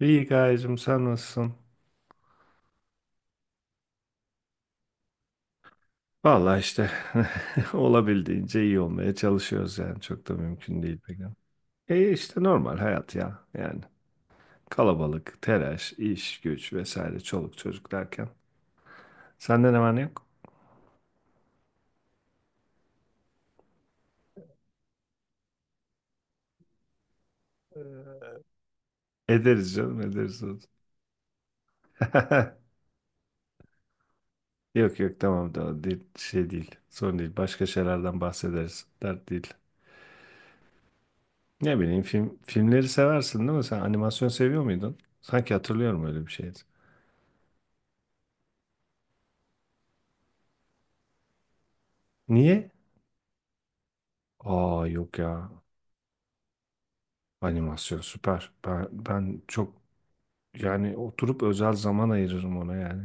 İyi Gayecim, sen nasılsın? Vallahi işte olabildiğince iyi olmaya çalışıyoruz yani çok da mümkün değil pek. Ama. E işte normal hayat ya yani kalabalık, telaş, iş, güç vesaire çoluk çocuk derken. Senden hemen yok. Ederiz canım ederiz. Yok yok tamam da değil, şey değil, sorun değil, başka şeylerden bahsederiz, dert değil. Ne bileyim, film, filmleri seversin değil mi? Sen animasyon seviyor muydun? Sanki hatırlıyorum öyle bir şeydi. Niye? Aa yok ya. Animasyon süper. Ben çok yani oturup özel zaman ayırırım ona yani.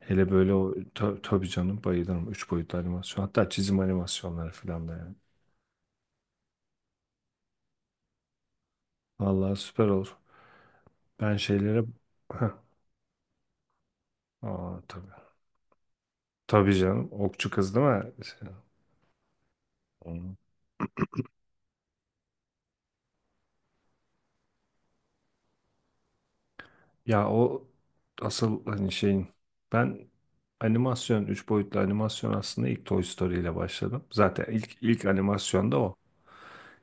Hele böyle o tabii canım bayılırım. Üç boyutlu animasyon. Hatta çizim animasyonları falan da yani. Vallahi süper olur. Ben şeylere... Heh. Aa, tabii. Tabii canım. Okçu kız değil mi? Şey- Hı. Ya o asıl hani şeyin... Ben animasyon, üç boyutlu animasyon aslında ilk Toy Story ile başladım. Zaten ilk animasyon da o.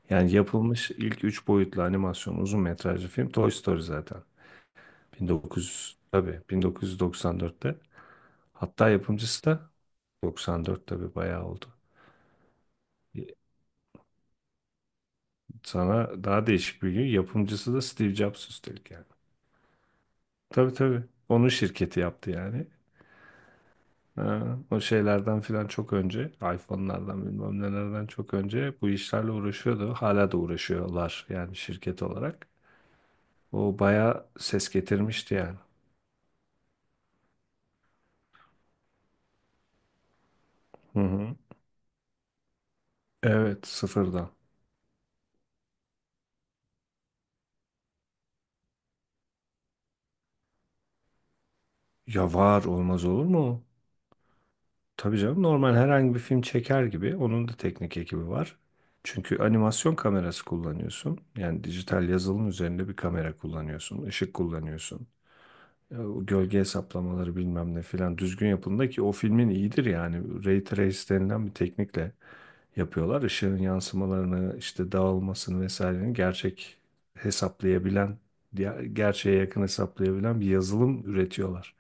Yani yapılmış ilk üç boyutlu animasyon uzun metrajlı film Toy Story zaten. 1900 tabii 1994'te. Hatta yapımcısı da 94 tabii bayağı oldu. Sana daha değişik bir gün, yapımcısı da Steve Jobs üstelik yani. Tabii tabii. Onun şirketi yaptı yani. Ha, o şeylerden filan çok önce, iPhone'lardan bilmem nelerden çok önce bu işlerle uğraşıyordu. Hala da uğraşıyorlar yani şirket olarak. O bayağı ses getirmişti yani. Hı hı. Evet, sıfırdan. Ya var, olmaz olur mu? Tabii canım, normal herhangi bir film çeker gibi onun da teknik ekibi var. Çünkü animasyon kamerası kullanıyorsun. Yani dijital yazılım üzerinde bir kamera kullanıyorsun, ışık kullanıyorsun. O gölge hesaplamaları bilmem ne filan düzgün yapılında ki o filmin iyidir yani. Ray Trace denilen bir teknikle yapıyorlar. Işığın yansımalarını, işte dağılmasını vesaireni gerçek hesaplayabilen, gerçeğe yakın hesaplayabilen bir yazılım üretiyorlar.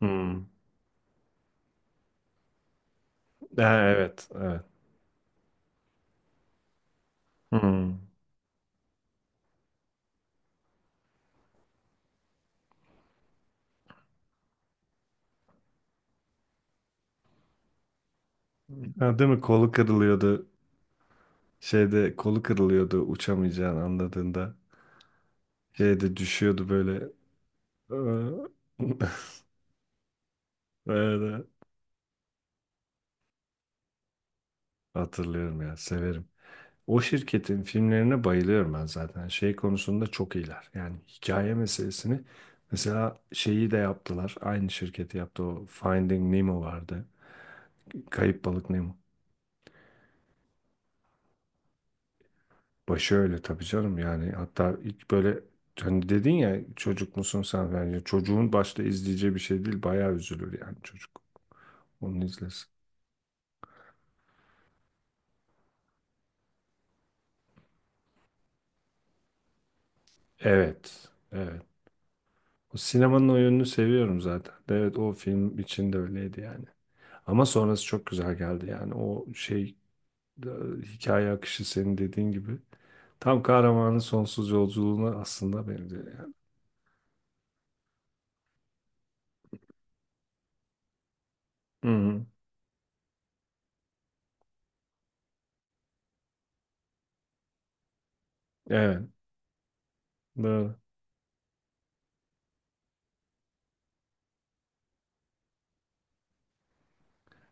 Hmm. Ha, evet, evet. Hmm. Ha, değil mi? Kolu kırılıyordu. Şeyde kolu kırılıyordu uçamayacağını anladığında. Şeyde düşüyordu böyle. Böyle. Hatırlıyorum ya, severim. O şirketin filmlerine bayılıyorum ben zaten. Şey konusunda çok iyiler. Yani hikaye meselesini. Mesela şeyi de yaptılar. Aynı şirketi yaptı, o Finding Nemo vardı. Kayıp Balık Nemo. Başı öyle tabii canım yani, hatta ilk böyle hani dedin ya çocuk musun sen, bence çocuğun başta izleyeceği bir şey değil, bayağı üzülür yani çocuk onu izlesin. Evet evet, o sinemanın o yönünü seviyorum zaten, evet o film için de öyleydi yani ama sonrası çok güzel geldi yani o şey e, hikaye akışı senin dediğin gibi tam kahramanın sonsuz yolculuğuna aslında benziyor yani. Hı hı. Evet, doğru.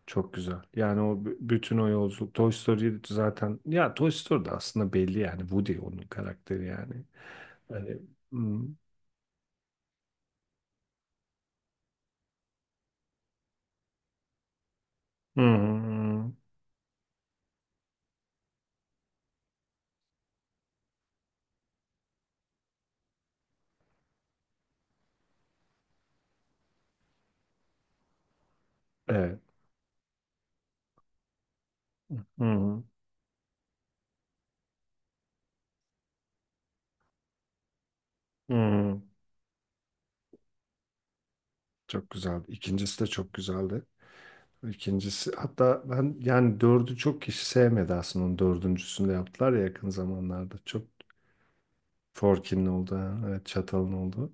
Çok güzel. Yani o bütün o yolculuk. Toy Story zaten ya, Toy Story de aslında belli yani. Woody onun karakteri yani. Hani hmm. Hı hı hı. Evet. Hı hı. Hı hı. Çok güzeldi. İkincisi de çok güzeldi. İkincisi hatta ben yani dördü çok kişi sevmedi aslında. Onun dördüncüsünü de yaptılar ya yakın zamanlarda. Çok Forkin'in oldu. Ha. Evet, Çatal'ın oldu.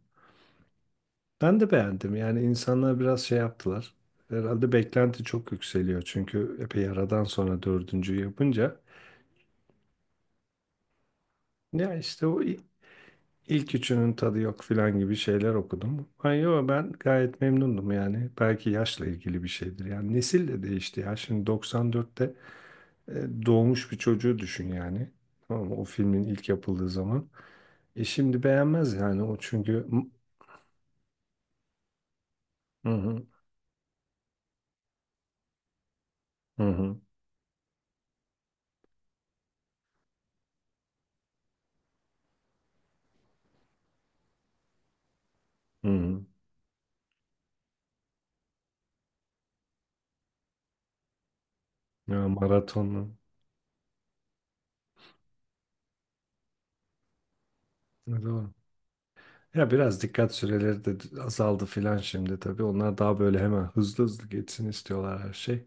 Ben de beğendim. Yani insanlar biraz şey yaptılar. Herhalde beklenti çok yükseliyor. Çünkü epey aradan sonra dördüncüyü yapınca. Ya işte ilk üçünün tadı yok filan gibi şeyler okudum. Ay yo, ben gayet memnundum yani. Belki yaşla ilgili bir şeydir. Yani nesil de değişti ya. Şimdi 94'te e, doğmuş bir çocuğu düşün yani. Tamam mı? O filmin ilk yapıldığı zaman. E şimdi beğenmez yani o çünkü... Hı hı hı hı. Hı hı. Ya maratonlu. Evet, doğru. Ya biraz dikkat süreleri de azaldı filan şimdi tabii. Onlar daha böyle hemen hızlı hızlı geçsin istiyorlar her şey.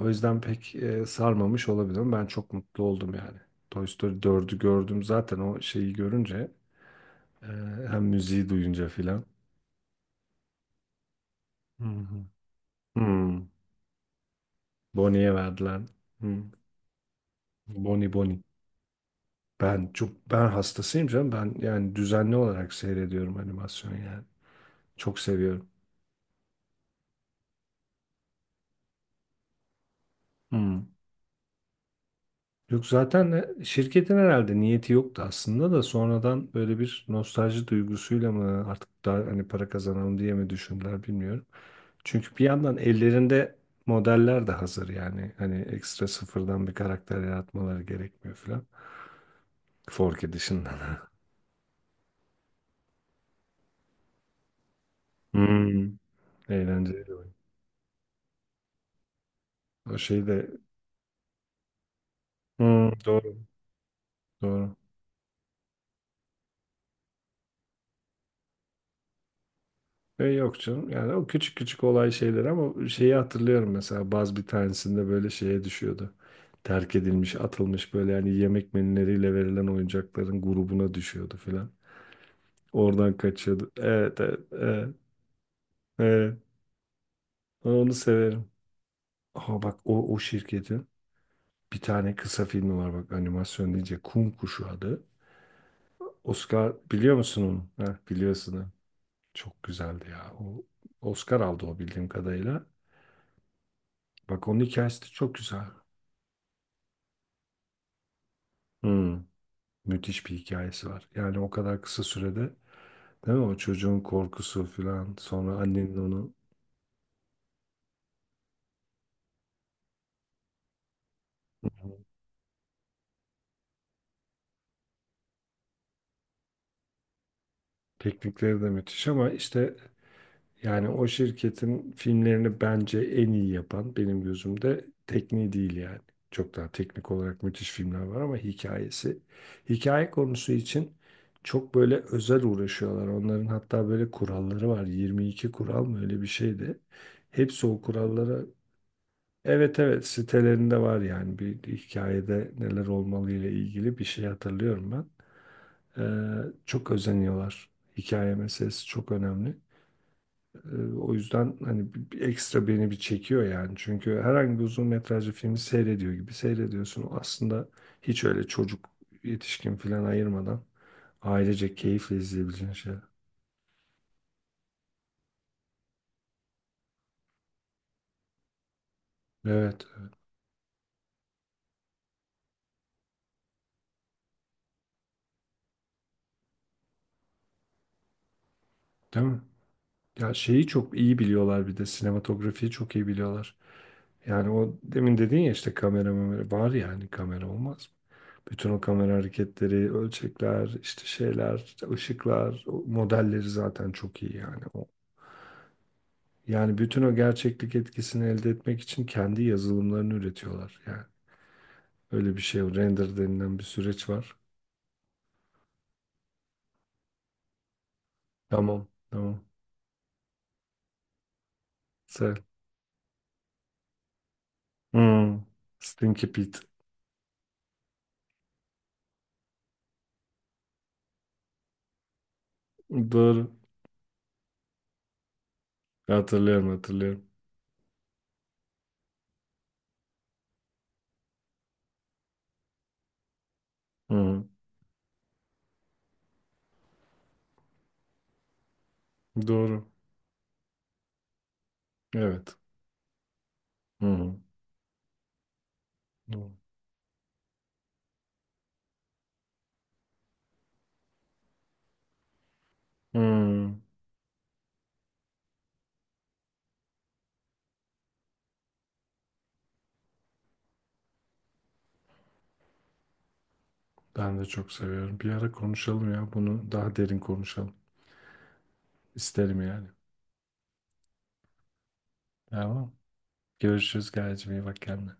O yüzden pek sarmamış olabilir ama ben çok mutlu oldum yani. Toy Story 4'ü gördüm zaten o şeyi görünce. e, Hem müziği duyunca filan. Hı hı. Hmm, Bonnie'ye verdiler. Hmm, Bonnie. Ben çok, ben hastasıyım canım. Ben yani düzenli olarak seyrediyorum animasyon yani. Çok seviyorum. Yok, zaten de şirketin herhalde niyeti yoktu aslında da sonradan böyle bir nostalji duygusuyla mı, artık daha hani para kazanalım diye mi düşündüler bilmiyorum. Çünkü bir yandan ellerinde modeller de hazır yani hani ekstra sıfırdan bir karakter yaratmaları gerekmiyor falan. Forky dışında. Hmm. Eğlenceli oyun. O şey de Hmm, doğru doğru. Yok canım. Yani o küçük küçük olay şeyler ama şeyi hatırlıyorum mesela bazı bir tanesinde böyle şeye düşüyordu. Terk edilmiş, atılmış böyle yani yemek menüleriyle verilen oyuncakların grubuna düşüyordu filan. Oradan kaçıyordu. Evet, evet, evet, evet. Ben onu severim. Aha bak o, o şirketin bir tane kısa filmi var bak, animasyon deyince Kum Kuşu adı. Oscar biliyor musun onu? Heh, biliyorsun. Ha. Çok güzeldi ya. O Oscar aldı o bildiğim kadarıyla. Bak, onun hikayesi de çok güzel. Hmm, müthiş bir hikayesi var. Yani o kadar kısa sürede, değil mi? O çocuğun korkusu falan sonra annenin onu teknikleri de müthiş ama işte yani o şirketin filmlerini bence en iyi yapan benim gözümde tekniği değil yani. Çok daha teknik olarak müthiş filmler var ama hikayesi. Hikaye konusu için çok böyle özel uğraşıyorlar. Onların hatta böyle kuralları var. 22 kural mı öyle bir şeydi. Hepsi o kurallara Evet evet, sitelerinde var yani bir hikayede neler olmalı ile ilgili bir şey hatırlıyorum ben. Çok özeniyorlar. Hikaye meselesi çok önemli. O yüzden hani bir ekstra beni bir çekiyor yani. Çünkü herhangi bir uzun metrajlı filmi seyrediyor gibi seyrediyorsun. Aslında hiç öyle çocuk yetişkin falan ayırmadan ailecek keyifle izleyebileceğin şeyler. Evet, evet. Değil mi? Ya şeyi çok iyi biliyorlar, bir de sinematografiyi çok iyi biliyorlar. Yani o demin dediğin ya işte kamera mamera var yani kamera olmaz mı? Bütün o kamera hareketleri, ölçekler, işte şeyler, işte ışıklar, o modelleri zaten çok iyi yani. O, yani bütün o gerçeklik etkisini elde etmek için kendi yazılımlarını üretiyorlar yani. Öyle bir şey, o render denilen bir süreç var. Tamam, tamam. Sel. Hmm. Stinky Pete. Doğru. Hatırlıyorum, hatırlıyorum. Hı hı. Doğru. Evet. Hı hı. Doğru. Hı. Ben de çok seviyorum. Bir ara konuşalım ya, bunu daha derin konuşalım. İsterim yani. Tamam. Görüşürüz Gayecim, iyi bak kendine.